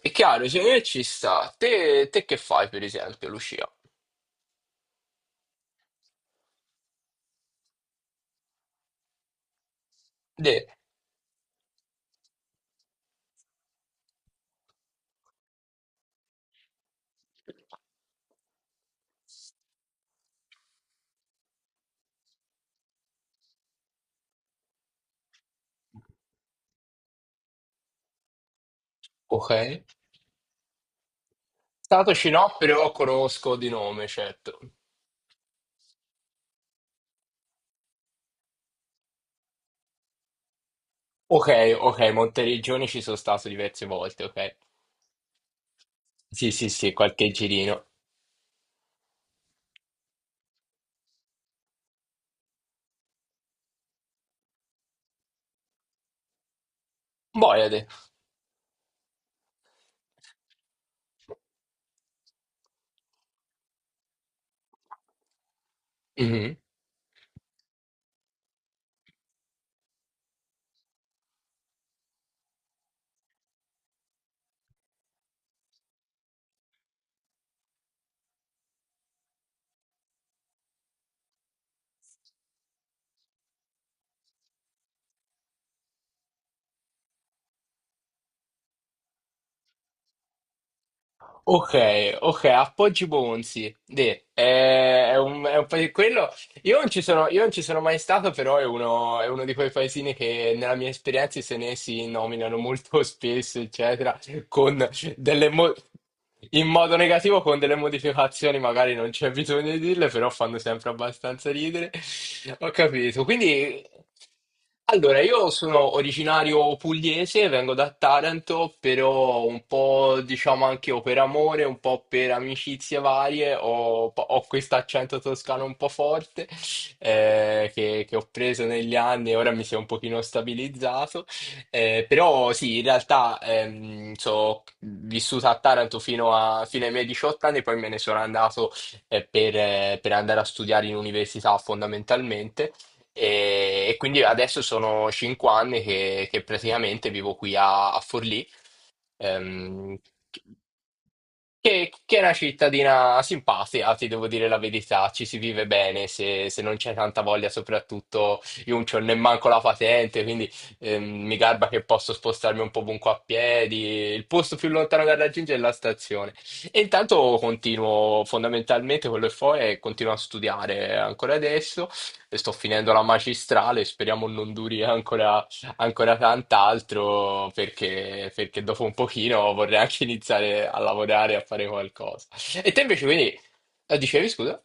È chiaro, secondo me ci sta. Te che fai, per esempio, Lucia? De, ok. Statoci no, però conosco di nome, certo. Ok, ok, Monteriggioni ci sono stato diverse volte, ok. Sì, sì, sì, qualche girino. Boiade. Mhm. Ok, ok, Appoggi Bonzi. È un paese quello. Io non ci sono, io non ci sono mai stato, però è uno di quei paesini che nella mia esperienza i senesi nominano molto spesso, eccetera, con delle mo- in modo negativo, con delle modificazioni, magari non c'è bisogno di dirle, però fanno sempre abbastanza ridere. Ho capito. Quindi, allora, io sono originario pugliese, vengo da Taranto, però un po', diciamo, anche o per amore, un po' per amicizie varie, ho questo accento toscano un po' forte, che ho preso negli anni e ora mi si è un pochino stabilizzato. Però sì, in realtà vissuta a Taranto fino ai miei 18 anni, poi me ne sono andato per andare a studiare in università fondamentalmente. E quindi adesso sono 5 anni che praticamente vivo qui a Forlì. Ehm, che è una cittadina simpatica, ti devo dire la verità, ci si vive bene se non c'è tanta voglia, soprattutto io non c'ho nemmanco la patente, quindi mi garba che posso spostarmi un po' ovunque a piedi, il posto più lontano da raggiungere è la stazione. E intanto continuo fondamentalmente quello che fo è continuo a studiare ancora adesso, sto finendo la magistrale, speriamo non duri ancora tant'altro, perché dopo un pochino vorrei anche iniziare a lavorare, a fare qualcosa. E te invece, quindi, dicevi scusa?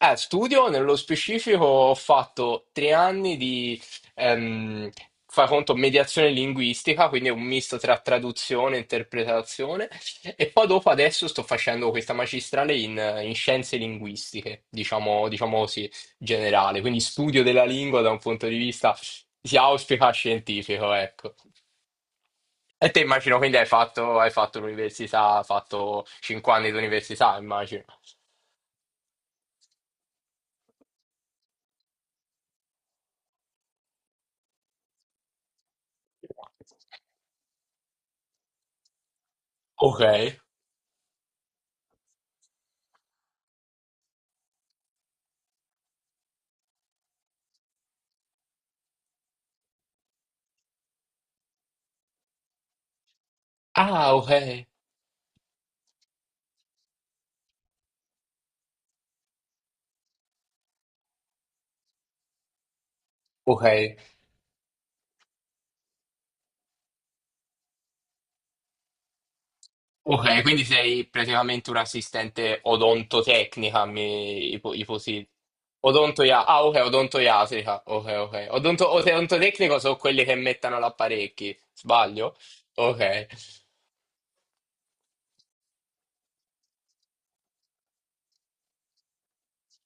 Studio, nello specifico ho fatto 3 anni di, ehm, fai conto, mediazione linguistica, quindi è un misto tra traduzione e interpretazione, e poi dopo adesso sto facendo questa magistrale in scienze linguistiche, diciamo così, generale, quindi studio della lingua da un punto di vista, si auspica, scientifico, ecco. E te immagino, quindi hai fatto l'università, hai fatto 5 anni di università, immagino. Ok. Ah, ok, ok, ok, quindi sei praticamente un'assistente odontotecnica, mi ipo- iposi- Odontoia- ah, ok, odontoiatrica, ok, ok. Odontotecnico sono quelli che mettono l'apparecchi, sbaglio? Ok,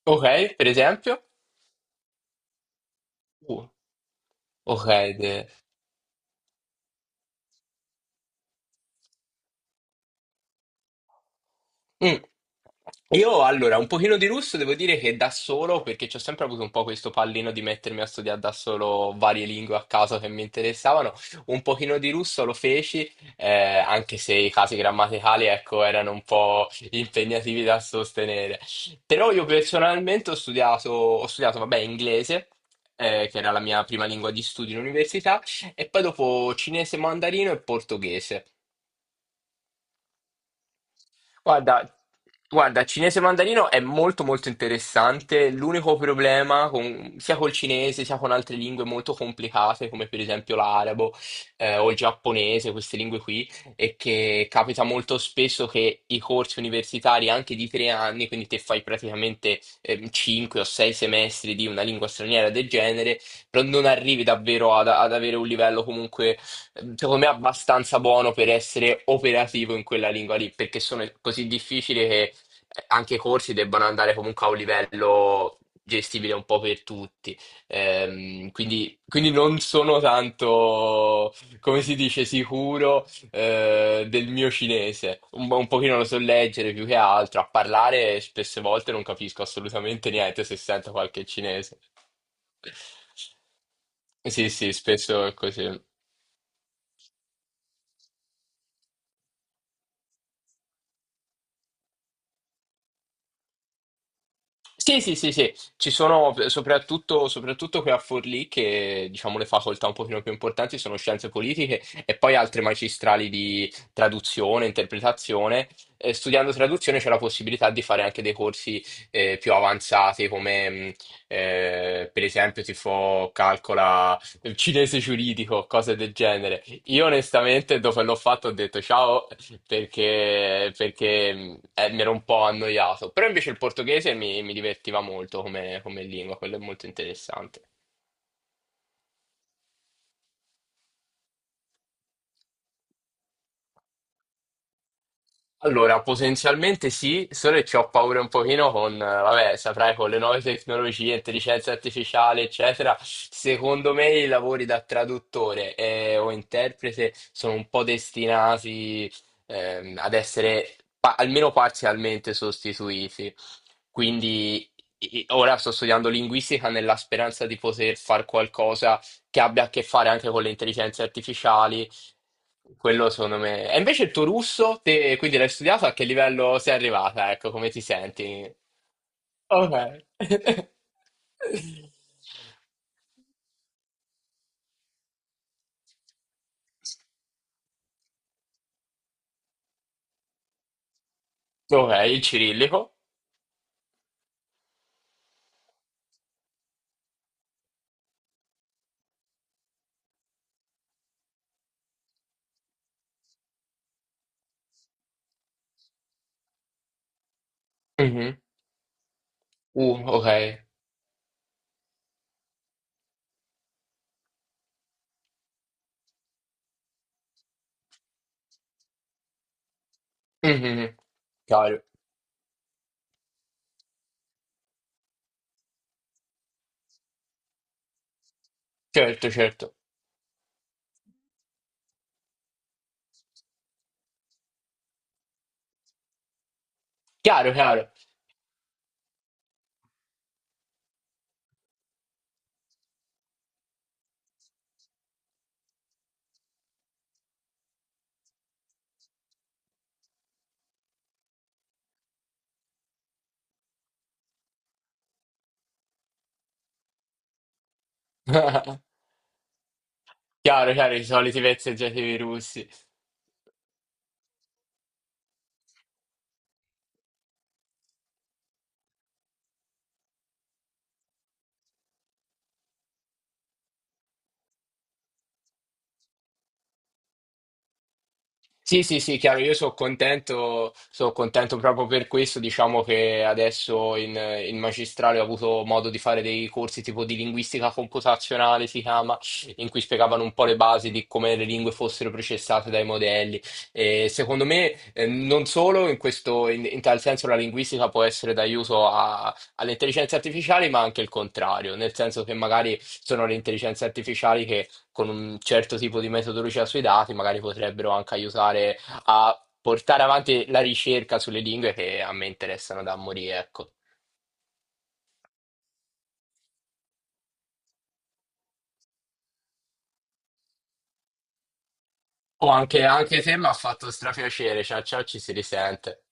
ok, per esempio? Uh, ok, Mm. Io allora, un pochino di russo devo dire che da solo, perché ci ho sempre avuto un po' questo pallino di mettermi a studiare da solo varie lingue a caso che mi interessavano, un pochino di russo lo feci, anche se i casi grammaticali, ecco, erano un po' impegnativi da sostenere. Però io personalmente ho studiato, vabbè, inglese, che era la mia prima lingua di studio in università, e poi dopo cinese, mandarino e portoghese. Guarda, guarda, cinese mandarino è molto molto interessante. L'unico problema sia col cinese sia con altre lingue molto complicate, come per esempio l'arabo o il giapponese, queste lingue qui, è che capita molto spesso che i corsi universitari anche di 3 anni, quindi te fai praticamente 5 o 6 semestri di una lingua straniera del genere, però non arrivi davvero ad avere un livello comunque. Secondo me è abbastanza buono per essere operativo in quella lingua lì, perché sono così difficili che, anche i corsi debbano andare comunque a un livello gestibile un po' per tutti. Quindi non sono tanto, come si dice, sicuro, del mio cinese. Un pochino lo so leggere più che altro, a parlare spesse volte non capisco assolutamente niente se sento qualche cinese. Sì, sì, spesso è così. Sì, sì, sì, sì, ci sono soprattutto qui a Forlì, che diciamo le facoltà un pochino più importanti sono scienze politiche e poi altre magistrali di traduzione, interpretazione. Studiando traduzione c'è la possibilità di fare anche dei corsi, più avanzati come per esempio tipo calcola il cinese giuridico, cose del genere. Io onestamente dopo che l'ho fatto ho detto ciao, perché mi ero un po' annoiato. Però invece il portoghese mi divertiva molto come, come lingua, quello è molto interessante. Allora, potenzialmente sì, solo che ci ho paura un pochino vabbè, saprai, con le nuove tecnologie, intelligenza artificiale, eccetera. Secondo me i lavori da traduttore, o interprete sono un po' destinati, ad essere almeno parzialmente sostituiti. Quindi ora sto studiando linguistica nella speranza di poter fare qualcosa che abbia a che fare anche con le intelligenze artificiali, quello secondo me. E invece il tuo russo, te, quindi l'hai studiato, a che livello sei arrivata? Ecco, come ti senti? Ok. Ok, il cirillico. Mhm. Ok. Mhm. Chiaro. Certo, certo. Chiaro, chiaro. Chiaro, chiaro, i soliti vezzeggiativi russi. Sì, sì, sì, chiaro, io sono contento proprio per questo, diciamo che adesso in, magistrale ho avuto modo di fare dei corsi tipo di linguistica computazionale, si chiama, in cui spiegavano un po' le basi di come le lingue fossero processate dai modelli. E secondo me, non solo in questo, in tal senso la linguistica può essere d'aiuto alle intelligenze artificiali, ma anche il contrario, nel senso che magari sono le intelligenze artificiali con un certo tipo di metodologia sui dati, magari potrebbero anche aiutare a portare avanti la ricerca sulle lingue che a me interessano da morire, ecco. O anche te mi ha fatto strapiacere. Ciao, ciao, ci si risente.